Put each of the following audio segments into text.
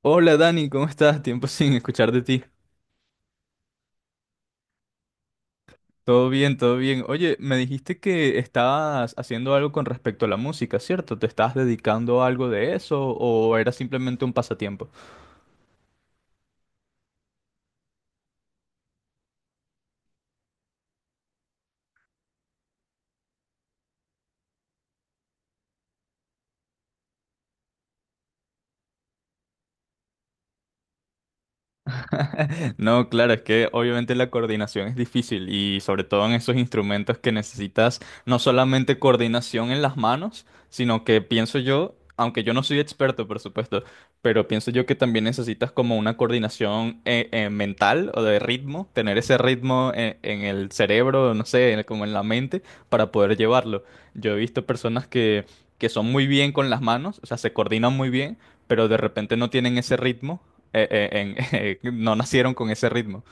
Hola Dani, ¿cómo estás? Tiempo sin escuchar de ti. Todo bien, todo bien. Oye, me dijiste que estabas haciendo algo con respecto a la música, ¿cierto? ¿Te estabas dedicando a algo de eso o era simplemente un pasatiempo? No, claro, es que obviamente la coordinación es difícil y sobre todo en esos instrumentos que necesitas no solamente coordinación en las manos, sino que pienso yo, aunque yo no soy experto, por supuesto, pero pienso yo que también necesitas como una coordinación mental o de ritmo, tener ese ritmo en el cerebro, no sé, como en la mente, para poder llevarlo. Yo he visto personas que son muy bien con las manos, o sea, se coordinan muy bien, pero de repente no tienen ese ritmo no nacieron con ese ritmo.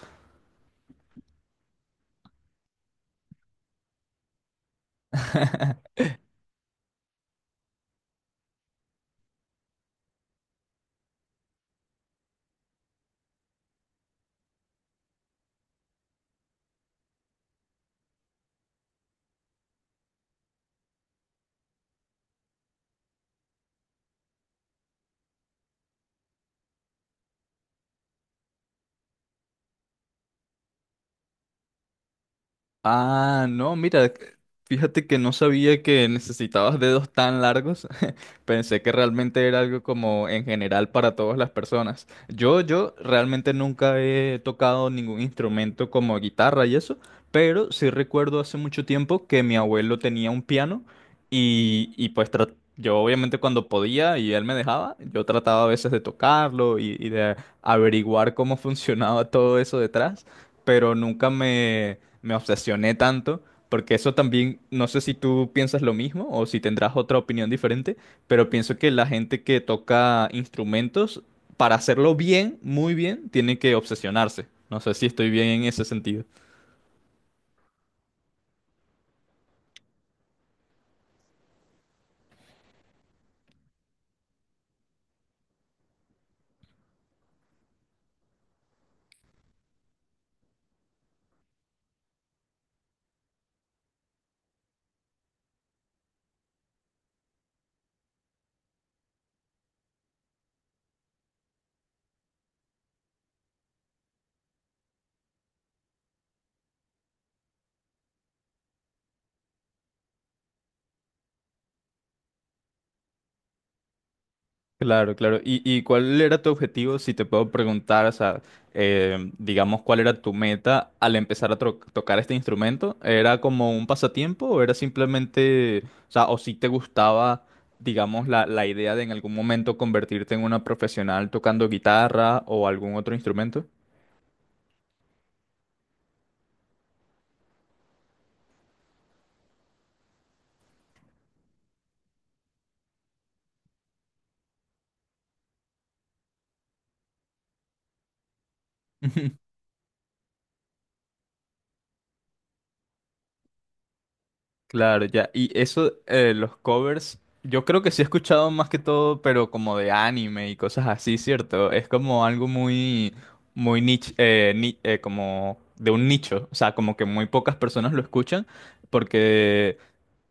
Ah, no, mira, fíjate que no sabía que necesitabas dedos tan largos. Pensé que realmente era algo como en general para todas las personas. Yo realmente nunca he tocado ningún instrumento como guitarra y eso, pero sí recuerdo hace mucho tiempo que mi abuelo tenía un piano y pues yo obviamente cuando podía y él me dejaba, yo trataba a veces de tocarlo y de averiguar cómo funcionaba todo eso detrás, pero nunca me obsesioné tanto, porque eso también, no sé si tú piensas lo mismo o si tendrás otra opinión diferente, pero pienso que la gente que toca instrumentos, para hacerlo bien, muy bien, tiene que obsesionarse. No sé si estoy bien en ese sentido. Claro, claro. ¿Y cuál era tu objetivo, si te puedo preguntar, o sea, digamos, ¿cuál era tu meta al empezar a tocar este instrumento? ¿Era como un pasatiempo o era simplemente, o sea, o si te gustaba, digamos, la idea de en algún momento convertirte en una profesional tocando guitarra o algún otro instrumento? Claro, ya. Y eso, los covers, yo creo que sí he escuchado más que todo, pero como de anime y cosas así, ¿cierto? Es como algo muy, muy niche, como de un nicho, o sea, como que muy pocas personas lo escuchan, porque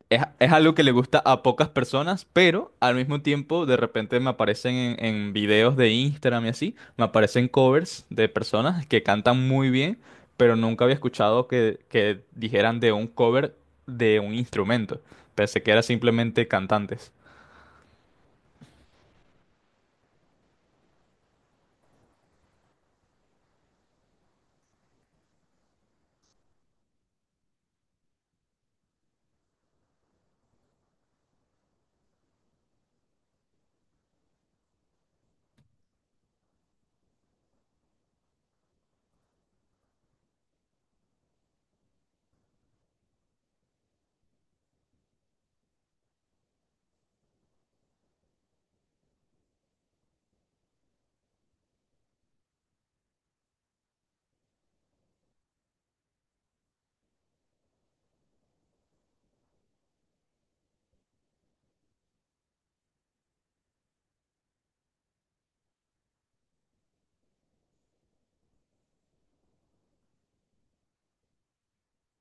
es algo que le gusta a pocas personas, pero al mismo tiempo de repente me aparecen en videos de Instagram y así, me aparecen covers de personas que cantan muy bien, pero nunca había escuchado que dijeran de un cover de un instrumento. Pensé que era simplemente cantantes.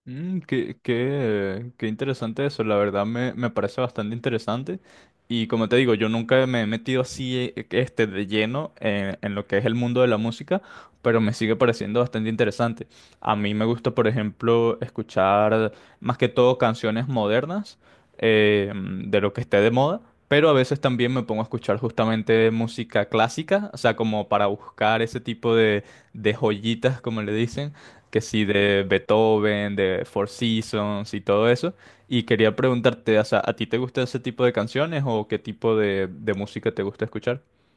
Mm, qué interesante eso, la verdad me parece bastante interesante. Y como te digo, yo nunca me he metido así este, de lleno en lo que es el mundo de la música, pero me sigue pareciendo bastante interesante. A mí me gusta, por ejemplo, escuchar más que todo canciones modernas de lo que esté de moda, pero a veces también me pongo a escuchar justamente música clásica, o sea, como para buscar ese tipo de joyitas, como le dicen que sí, de Beethoven, de Four Seasons y todo eso. Y quería preguntarte, o sea, ¿a ti te gusta ese tipo de canciones o qué tipo de música te gusta escuchar?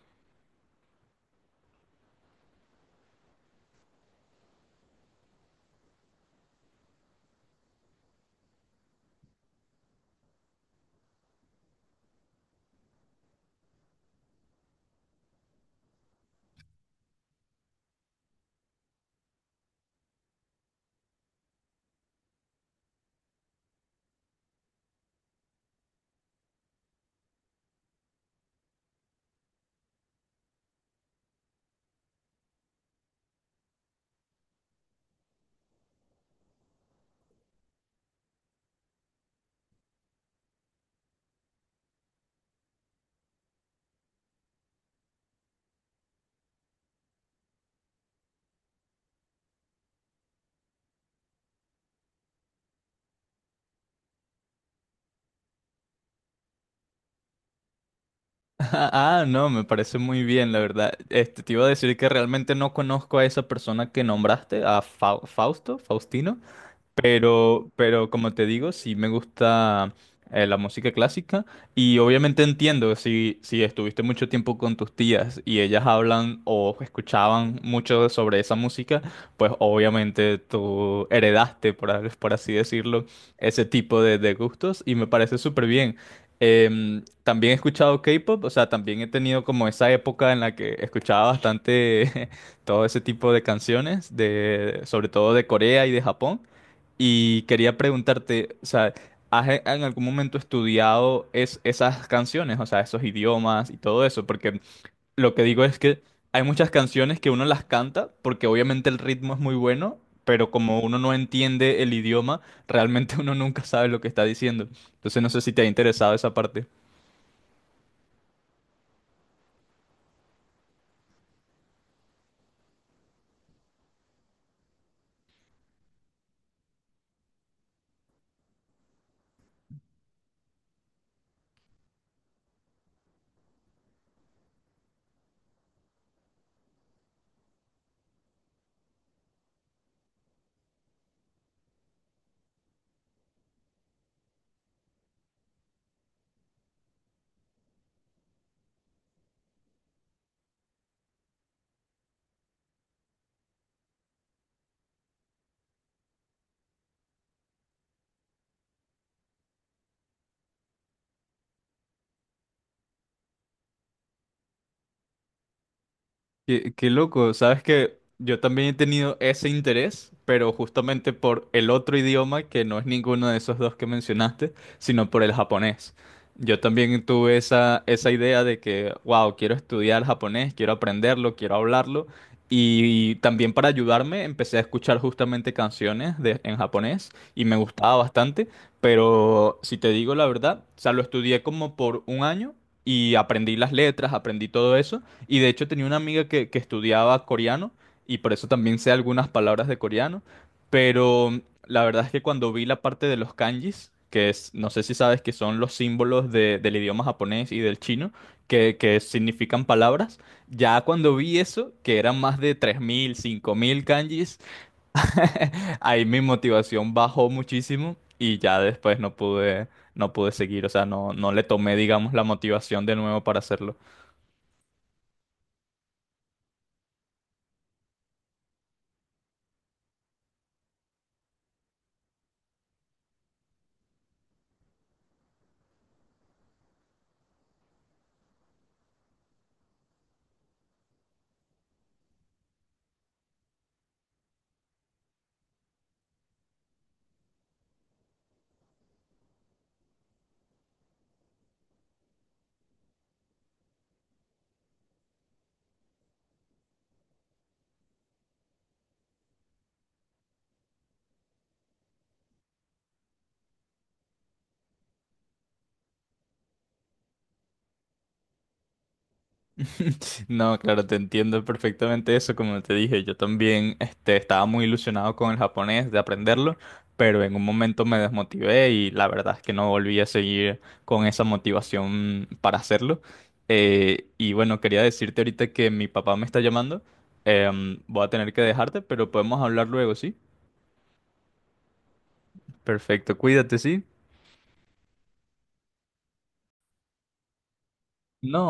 Ah, no, me parece muy bien, la verdad. Este, te iba a decir que realmente no conozco a esa persona que nombraste, a Fausto, Faustino. Pero como te digo, sí me gusta la música clásica y obviamente entiendo si estuviste mucho tiempo con tus tías y ellas hablan o escuchaban mucho sobre esa música, pues obviamente tú heredaste, por así decirlo, ese tipo de gustos y me parece súper bien. Em, también he escuchado K-pop, o sea, también he tenido como esa época en la que escuchaba bastante todo ese tipo de canciones, de, sobre todo de Corea y de Japón. Y quería preguntarte, o sea, ¿has en algún momento estudiado esas canciones, o sea, esos idiomas y todo eso? Porque lo que digo es que hay muchas canciones que uno las canta porque obviamente el ritmo es muy bueno, pero como uno no entiende el idioma, realmente uno nunca sabe lo que está diciendo. Entonces no sé si te ha interesado esa parte. Qué, qué loco, sabes que yo también he tenido ese interés, pero justamente por el otro idioma que no es ninguno de esos dos que mencionaste, sino por el japonés. Yo también tuve esa idea de que, wow, quiero estudiar japonés, quiero aprenderlo, quiero hablarlo. Y, también para ayudarme empecé a escuchar justamente canciones en japonés y me gustaba bastante, pero si te digo la verdad, o sea, lo estudié como por 1 año y aprendí las letras, aprendí todo eso y de hecho tenía una amiga que estudiaba coreano y por eso también sé algunas palabras de coreano, pero la verdad es que cuando vi la parte de los kanjis, que es, no sé si sabes que son los símbolos del idioma japonés y del chino, que significan palabras, ya cuando vi eso, que eran más de 3.000 5.000 kanjis, ahí mi motivación bajó muchísimo y ya después no pude, no pude seguir, o sea, no, no le tomé, digamos, la motivación de nuevo para hacerlo. No, claro, te entiendo perfectamente eso. Como te dije, yo también este, estaba muy ilusionado con el japonés de aprenderlo, pero en un momento me desmotivé y la verdad es que no volví a seguir con esa motivación para hacerlo. Y bueno, quería decirte ahorita que mi papá me está llamando. Em, voy a tener que dejarte, pero podemos hablar luego, ¿sí? Perfecto, cuídate, ¿sí? No.